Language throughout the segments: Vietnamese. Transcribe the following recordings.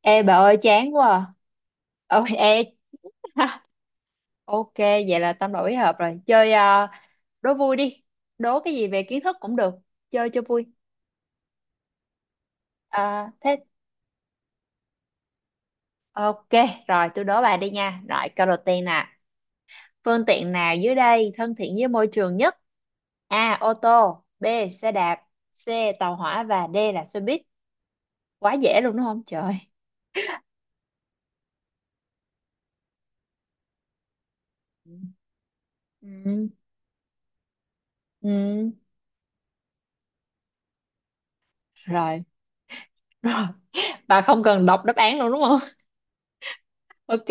Ê bà ơi chán quá à. Ôi ê. Ok, vậy là tâm đầu ý hợp rồi. Chơi đố vui đi. Đố cái gì về kiến thức cũng được. Chơi cho vui. Ờ, Thế ok, rồi tôi đố bà đi nha. Rồi câu đầu tiên nè. Phương tiện nào dưới đây thân thiện với môi trường nhất? A. Ô tô. B. Xe đạp. C. Tàu hỏa. Và D là xe buýt. Quá dễ luôn đúng không trời? Ừ. Ừ. Ừ. Rồi. Rồi. Bà không cần đọc đáp án luôn đúng không? Ok.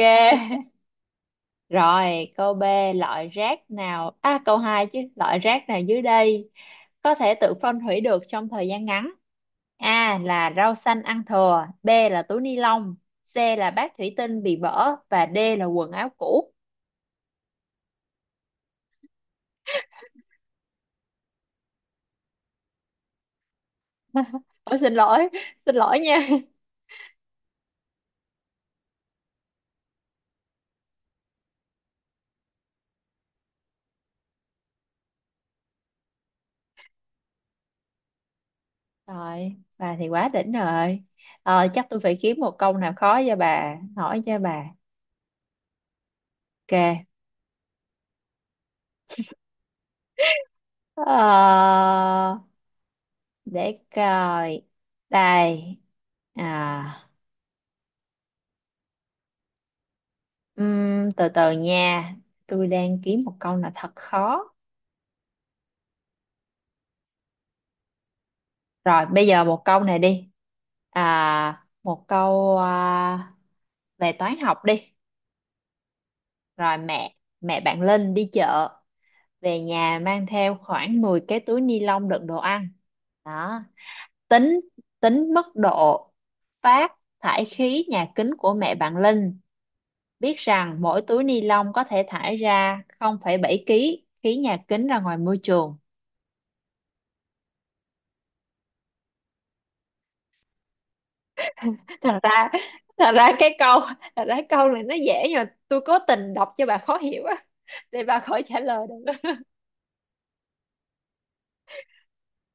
Rồi, câu B, loại rác nào, à câu 2 chứ, loại rác nào dưới đây có thể tự phân hủy được trong thời gian ngắn? A là rau xanh ăn thừa, B là túi ni lông, C là bát thủy tinh bị vỡ và D là quần áo cũ. Ôi xin lỗi, xin lỗi nha. Rồi, bà thì quá đỉnh rồi. Ờ, chắc tôi phải kiếm một câu nào khó cho bà, hỏi cho bà. Ok. Ờ, để coi. Đây. À. Từ từ nha, tôi đang kiếm một câu nào thật khó. Rồi, bây giờ một câu này đi. À, một câu à, về toán học đi. Rồi mẹ, mẹ bạn Linh đi chợ, về nhà mang theo khoảng 10 cái túi ni lông đựng đồ ăn. Đó, tính tính mức độ phát thải khí nhà kính của mẹ bạn Linh. Biết rằng mỗi túi ni lông có thể thải ra 0,7 kg khí nhà kính ra ngoài môi trường. thật ra thật ra cái câu thật ra câu này nó dễ nhưng mà tôi cố tình đọc cho bà khó hiểu á, để bà khỏi trả lời được.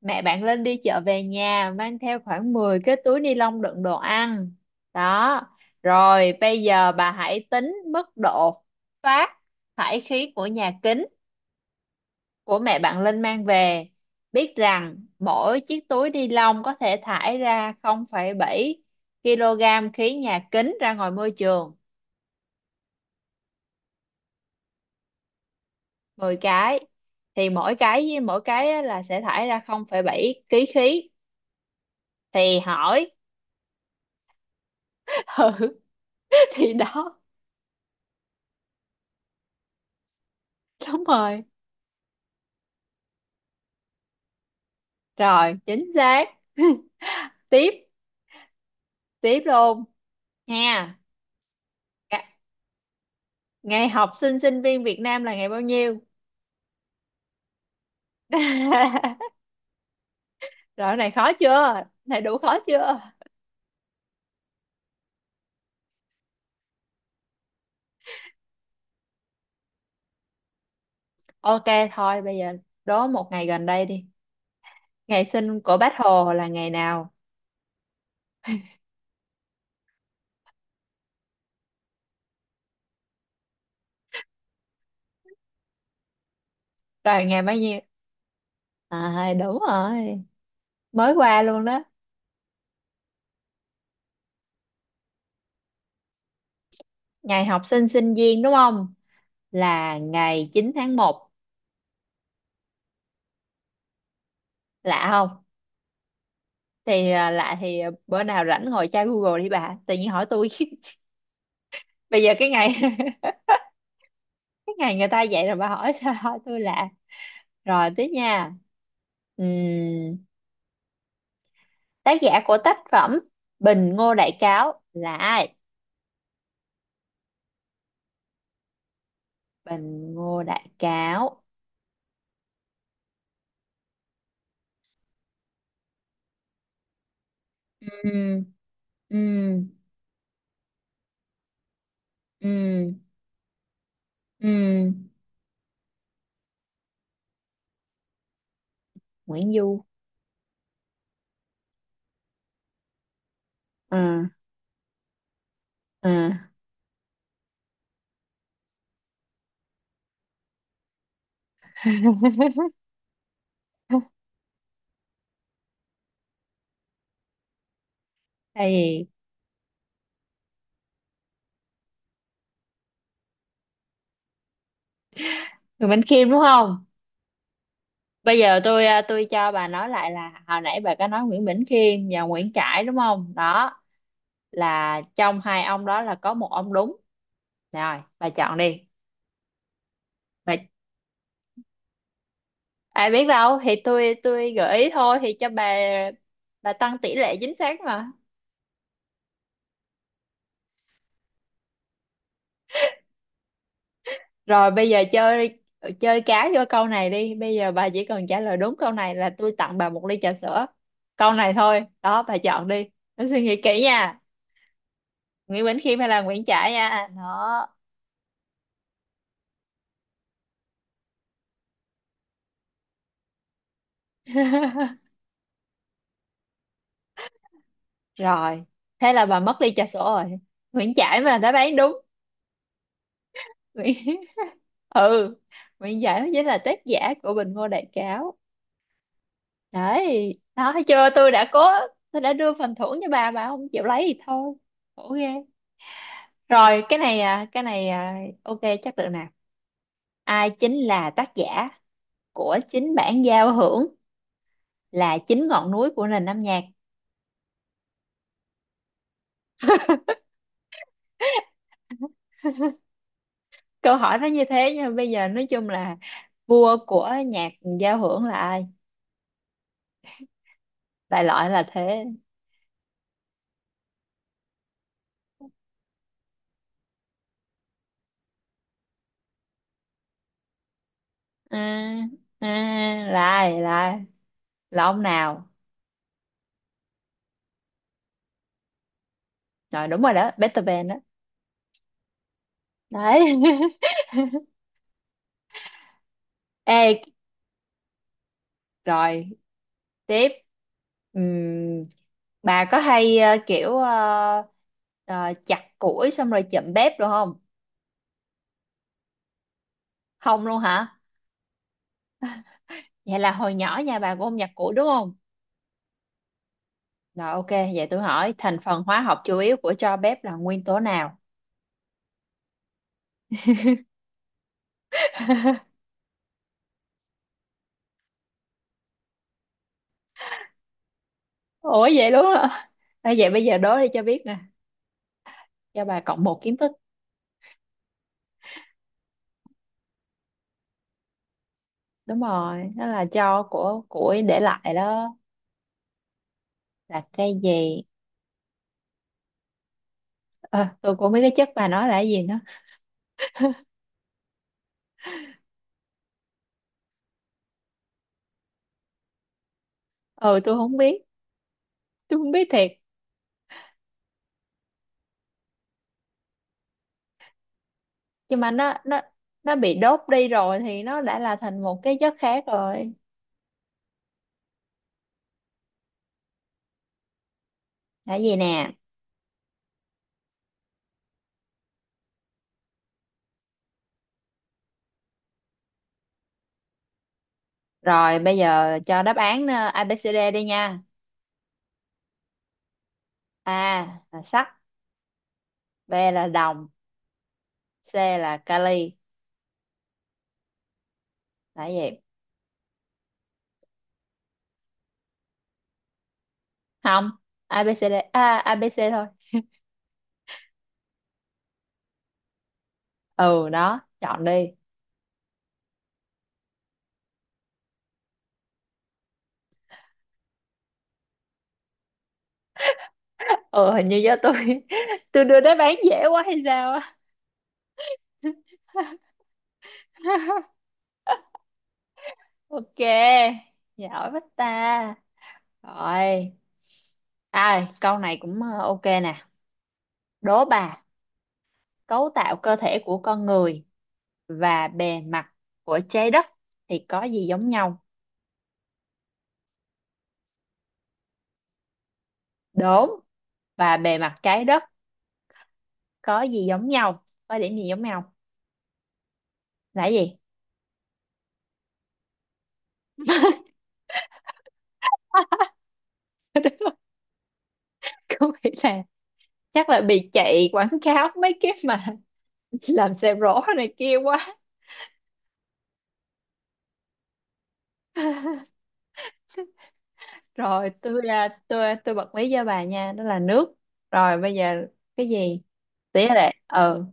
Mẹ bạn lên đi chợ về nhà mang theo khoảng 10 cái túi ni lông đựng đồ ăn đó. Rồi bây giờ bà hãy tính mức độ phát thải khí của nhà kính của mẹ bạn Linh mang về, biết rằng mỗi chiếc túi ni lông có thể thải ra 0,7 kg khí nhà kính ra ngoài môi trường. 10 cái thì mỗi cái với mỗi cái á là sẽ thải ra 0,7 kg khí, thì hỏi. Ừ, thì đó. Đúng rồi, rồi chính xác. Tiếp, tiếp luôn nha. Ga- ngày học sinh sinh viên Việt Nam là ngày bao nhiêu? Rồi cái này khó chưa, cái này đủ khó chưa? Ok, thôi bây giờ đố một ngày gần đây đi. Ngày sinh của Bác Hồ là ngày nào? Rồi ngày bao nhiêu? À đúng rồi, mới qua luôn đó. Ngày học sinh sinh viên đúng không, là ngày 9 tháng 1. Lạ không? Thì lạ thì bữa nào rảnh ngồi tra Google đi bà, tự nhiên hỏi tôi. Bây giờ cái ngày cái ngày người ta dạy rồi bà hỏi sao hỏi tôi lạ. Rồi tiếp nha. Ừm, tác giả của tác phẩm Bình Ngô Đại Cáo là ai? Bình Ngô Đại Cáo. Ừm, ừm, ừm, ừm. Nguyễn Du. À, à. Hay gì? Nguyễn Bỉnh Khiêm đúng không? Bây giờ tôi tôi cho bà nói lại là hồi nãy bà có nói Nguyễn Bỉnh Khiêm và Nguyễn Trãi đúng không? Đó là trong hai ông đó là có một ông đúng. Rồi, bà chọn đi. Bà, ai biết đâu thì tôi gợi ý thôi thì cho bà tăng tỷ lệ chính xác mà. Rồi bây giờ chơi chơi cá vô câu này đi. Bây giờ bà chỉ cần trả lời đúng câu này là tôi tặng bà một ly trà sữa. Câu này thôi. Đó, bà chọn đi. Bà suy nghĩ kỹ nha. Nguyễn Bỉnh Khiêm hay là Nguyễn Trãi nha. Đó. Rồi, thế là bà mất ly trà sữa rồi. Nguyễn Trãi mà đã bán đúng. Nguyễn... Ừ, Nguyễn Trãi mới chính là tác giả của Bình Ngô Đại Cáo. Đấy đó, thấy chưa, tôi đã cố, tôi đã đưa phần thưởng cho bà không chịu lấy thì thôi. Khổ ghê. Rồi cái này ok chắc được nè. Ai chính là tác giả của chính bản giao hưởng, là chính ngọn núi của nền âm nhạc? Câu hỏi nó như thế nhưng mà bây giờ nói chung là vua của nhạc giao hưởng là ai, đại loại là thế. À, à, lại lại là ông nào? Rồi đúng rồi đó, Beethoven đó. Đấy. Ê, rồi tiếp. Ừm, bà có hay kiểu chặt củi xong rồi chậm bếp được không? Không luôn hả? Vậy là hồi nhỏ nhà bà cũng không nhặt củi đúng không? Rồi ok, vậy tôi hỏi thành phần hóa học chủ yếu của tro bếp là nguyên tố nào? Ủa vậy luôn hả? Ê, vậy bây giờ đố đi cho biết nè, cho bà cộng một kiến thức. Đúng rồi đó, là cho của củi để lại đó. Là cái gì? Ờ, tôi cũng không biết cái chất bà nói là cái gì nữa. Ừ tôi không biết, tôi không biết thiệt. Nhưng mà nó nó bị đốt đi rồi thì nó đã là thành một cái chất khác rồi. Là gì nè? Rồi bây giờ cho đáp án ABCD đi nha. A là sắt, B là đồng, C là kali, là gì? Không, a bê xê đê, ABC thôi. Ừ đó, chọn đi. Ừ hình như do tôi tôi đưa đáp án dễ quá hay sao á. Ok, giỏi quá ta. Rồi à, câu này cũng ok nè. Đố bà, cấu tạo cơ thể của con người và bề mặt của trái đất thì có gì giống nhau? Đốm và bề mặt trái đất có gì giống nhau, có điểm gì giống nhau? Là gì? Không, nghĩ là chắc là bị chạy quảng cáo mấy cái mà làm xe rổ này kia quá. Rồi tôi ra tôi tôi bật mí cho bà nha, đó là nước. Rồi bây giờ cái gì? Tỷ lệ ừ.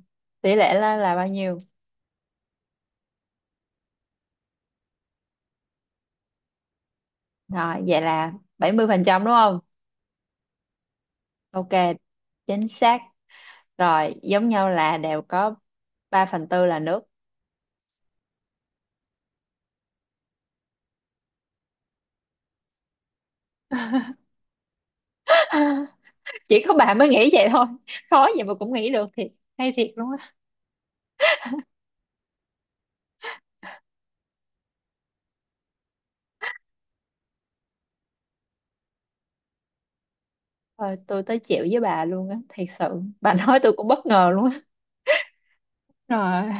Tỷ lệ là bao nhiêu? Rồi vậy là 70% đúng không? Ok, chính xác. Rồi giống nhau là đều có 3 phần tư là nước. Chỉ có bà mới nghĩ vậy thôi. Khó vậy mà cũng nghĩ được thiệt. Hay thiệt luôn á. Rồi tôi tới chịu với bà luôn á, thiệt sự. Bà nói tôi cũng bất ngờ luôn á. Rồi,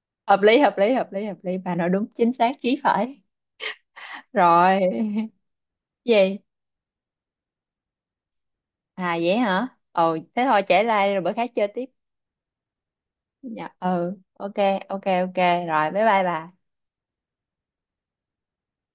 hợp lý, hợp lý, bà nói đúng chính xác chí phải. Rồi. Gì? À vậy hả, ồ thế thôi trễ like đi, rồi bữa khác chơi tiếp. Dạ ừ ok, ok ok rồi bye bye bà.